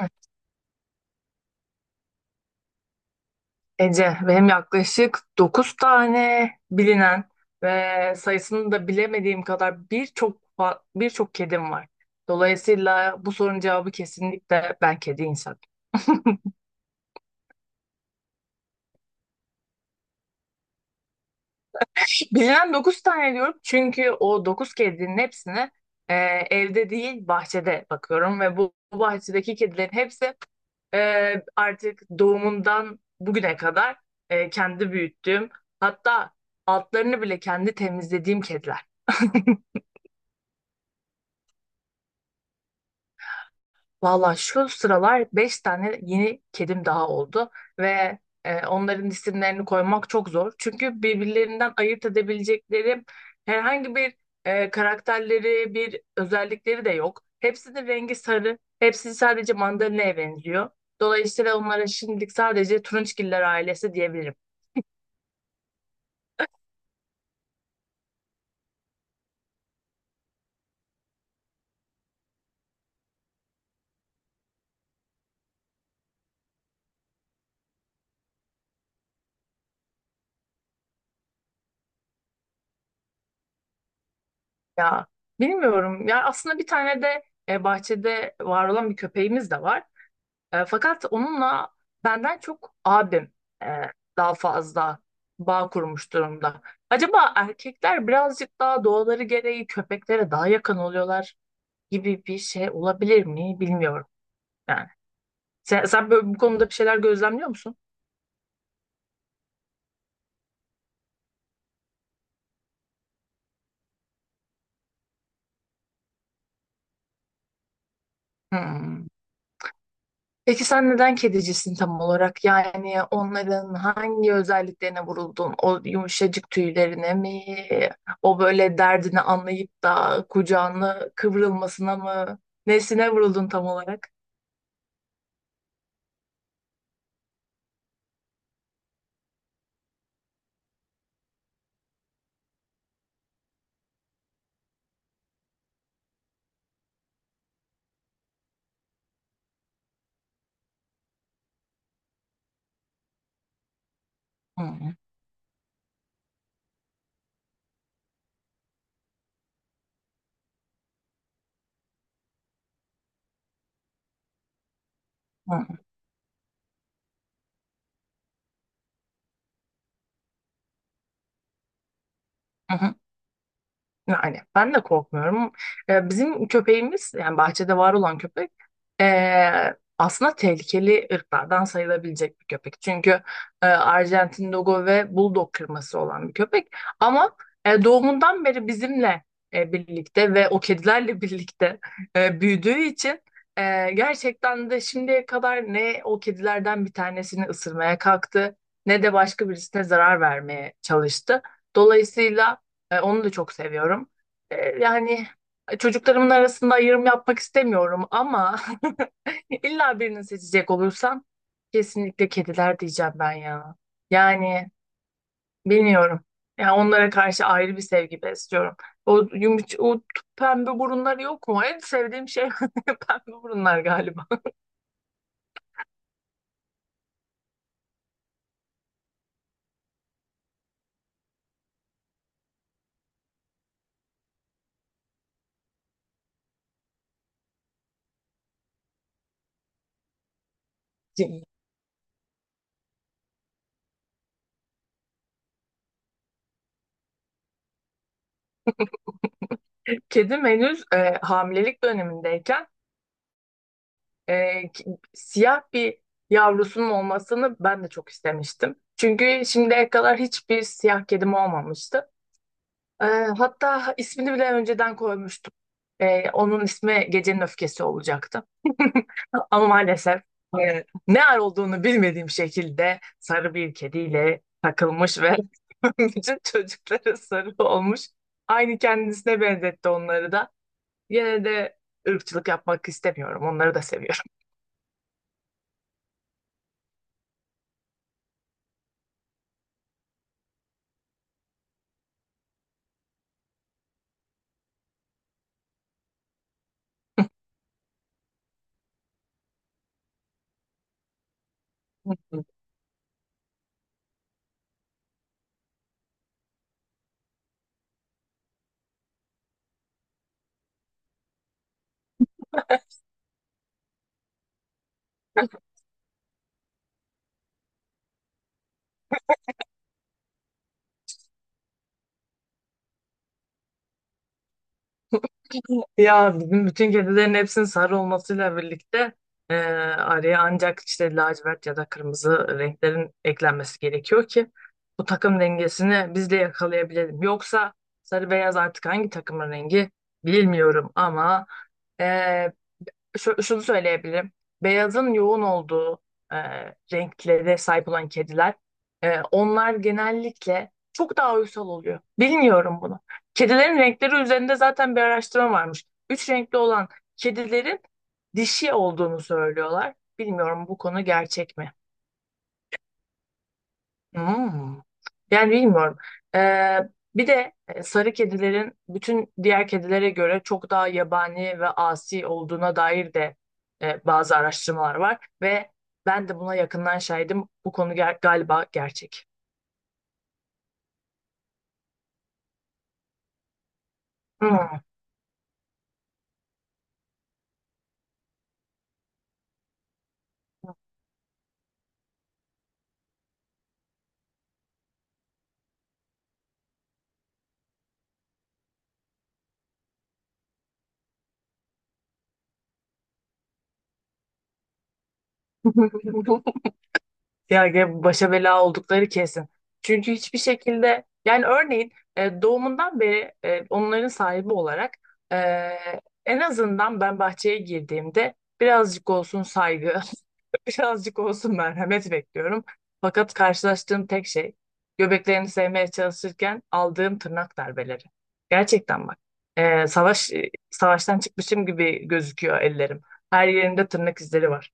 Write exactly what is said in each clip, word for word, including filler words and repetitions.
Evet, Ece, benim yaklaşık dokuz tane bilinen ve sayısını da bilemediğim kadar birçok fa- birçok kedim var. Dolayısıyla bu sorunun cevabı kesinlikle ben kedi insanım. Bilinen dokuz tane diyorum, çünkü o dokuz kedinin hepsine e, evde değil bahçede bakıyorum ve bu, bu bahçedeki kedilerin hepsi, Ee, artık doğumundan bugüne kadar e, kendi büyüttüğüm, hatta altlarını bile kendi temizlediğim kediler. Valla şu sıralar beş tane yeni kedim daha oldu ve e, onların isimlerini koymak çok zor. Çünkü birbirlerinden ayırt edebilecekleri herhangi bir e, karakterleri, bir özellikleri de yok. Hepsinin rengi sarı, hepsi sadece mandalina'ya benziyor. Dolayısıyla onlara şimdilik sadece turunçgiller ailesi diyebilirim. Ya bilmiyorum. Ya aslında bir tane de e, bahçede var olan bir köpeğimiz de var. E, fakat onunla benden çok abim e, daha fazla bağ kurmuş durumda. Acaba erkekler birazcık daha doğaları gereği köpeklere daha yakın oluyorlar gibi bir şey olabilir mi? Bilmiyorum. Yani sen, sen böyle bu konuda bir şeyler gözlemliyor musun? Hmm. Peki sen neden kedicisin tam olarak? Yani onların hangi özelliklerine vuruldun? O yumuşacık tüylerine mi? O böyle derdini anlayıp da kucağına kıvrılmasına mı? Nesine vuruldun tam olarak? Hı hı. Hı hı. Yani ben de korkmuyorum. Ee, bizim köpeğimiz, yani bahçede var olan köpek, ee, aslında tehlikeli ırklardan sayılabilecek bir köpek. Çünkü e, Arjantin Dogo ve Bulldog kırması olan bir köpek. Ama e, doğumundan beri bizimle e, birlikte ve o kedilerle birlikte e, büyüdüğü için e, gerçekten de şimdiye kadar ne o kedilerden bir tanesini ısırmaya kalktı, ne de başka birisine zarar vermeye çalıştı. Dolayısıyla e, onu da çok seviyorum. E, yani e, çocuklarımın arasında ayrım yapmak istemiyorum, ama illa birini seçecek olursam kesinlikle kediler diyeceğim ben ya. Yani bilmiyorum. Yani onlara karşı ayrı bir sevgi besliyorum. O yumuş, o t- pembe burunları yok mu? En sevdiğim şey pembe burunlar galiba. Kedim henüz e, hamilelik dönemindeyken, e, ki- siyah bir yavrusunun olmasını ben de çok istemiştim. Çünkü şimdiye kadar hiçbir siyah kedim olmamıştı. E, hatta ismini bile önceden koymuştum. E, onun ismi Gecenin Öfkesi olacaktı. Ama maalesef e, ne ar olduğunu bilmediğim şekilde sarı bir kediyle takılmış ve bütün çocukları sarı olmuş. Aynı kendisine benzetti onları da. Yine de ırkçılık yapmak istemiyorum. Onları da seviyorum. Ya bizim bütün kedilerin hepsinin sarı olmasıyla birlikte e, araya ancak işte lacivert ya da kırmızı renklerin eklenmesi gerekiyor ki bu takım dengesini biz de yakalayabilelim. Yoksa sarı beyaz artık hangi takımın rengi bilmiyorum, ama e, şu, şunu söyleyebilirim. Beyazın yoğun olduğu e, renklere sahip olan kediler, e, onlar genellikle çok daha uysal oluyor. Bilmiyorum bunu. Kedilerin renkleri üzerinde zaten bir araştırma varmış. Üç renkli olan kedilerin dişi olduğunu söylüyorlar. Bilmiyorum, bu konu gerçek mi? Hmm. Yani bilmiyorum. Ee, bir de e, sarı kedilerin bütün diğer kedilere göre çok daha yabani ve asi olduğuna dair de e, bazı araştırmalar var ve ben de buna yakından şahidim. Bu konu ger- galiba gerçek. Hmm. Ya başa bela oldukları kesin. Çünkü hiçbir şekilde, yani örneğin e, doğumundan beri e, onların sahibi olarak e, en azından ben bahçeye girdiğimde birazcık olsun saygı, birazcık olsun merhamet bekliyorum. Fakat karşılaştığım tek şey göbeklerini sevmeye çalışırken aldığım tırnak darbeleri. Gerçekten bak. e, savaş e, savaştan çıkmışım gibi gözüküyor ellerim. Her yerimde tırnak izleri var.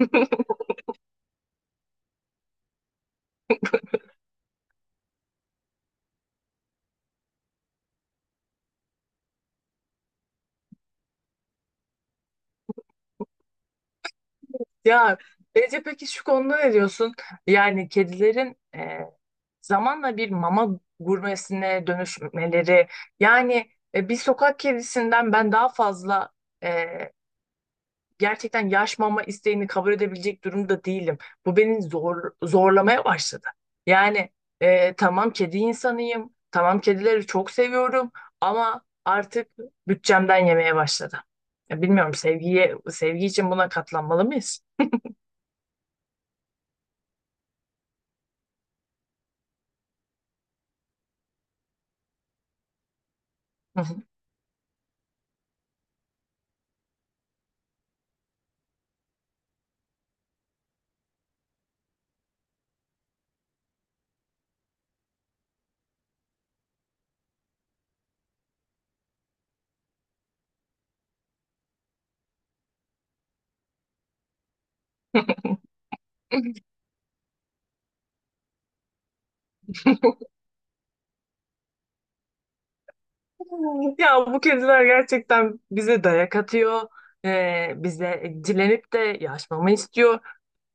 Ya Ece, peki şu konuda ne diyorsun? Yani kedilerin e, zamanla bir mama gurmesine dönüşmeleri, yani e, bir sokak kedisinden ben daha fazla e, gerçekten yaş mama isteğini kabul edebilecek durumda değilim. Bu beni zor, zorlamaya başladı. Yani e, tamam kedi insanıyım, tamam kedileri çok seviyorum, ama artık bütçemden yemeye başladı. Ya bilmiyorum, sevgiye sevgi için buna katlanmalı mıyız? Ya bu kediler gerçekten bize dayak atıyor. Ee, bize dilenip de yaşmamı istiyor.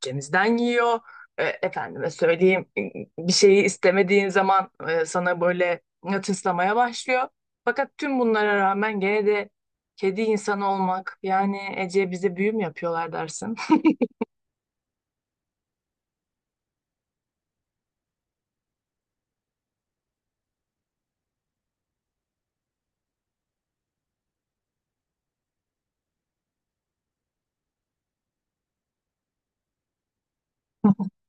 Cemizden yiyor. Ee, efendime söyleyeyim, bir şeyi istemediğin zaman e, sana böyle tıslamaya başlıyor. Fakat tüm bunlara rağmen gene de kedi insanı olmak, yani Ece, bize büyü mü yapıyorlar dersin?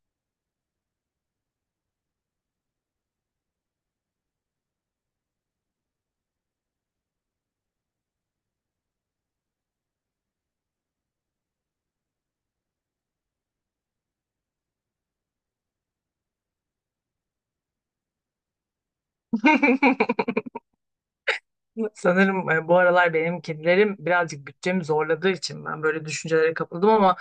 Sanırım e, bu aralar benim kedilerim birazcık bütçemi zorladığı için ben böyle düşüncelere kapıldım, ama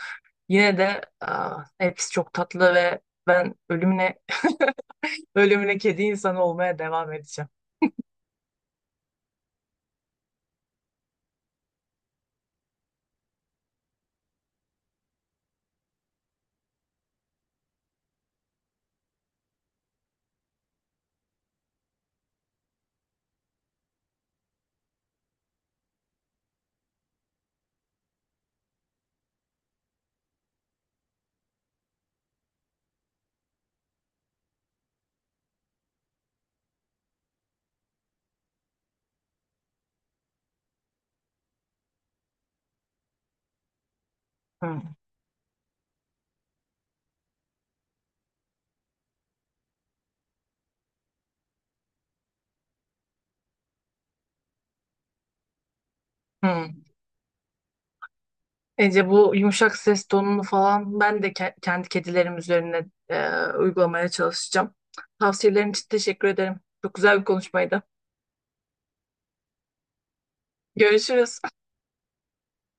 yine de aa, hepsi çok tatlı ve ben ölümüne ölümüne kedi insanı olmaya devam edeceğim. Hmm. Hmm. Ece, bu yumuşak ses tonunu falan ben de ke- kendi kedilerim üzerine e, uygulamaya çalışacağım. Tavsiyelerin için teşekkür ederim. Çok güzel bir konuşmaydı. Görüşürüz.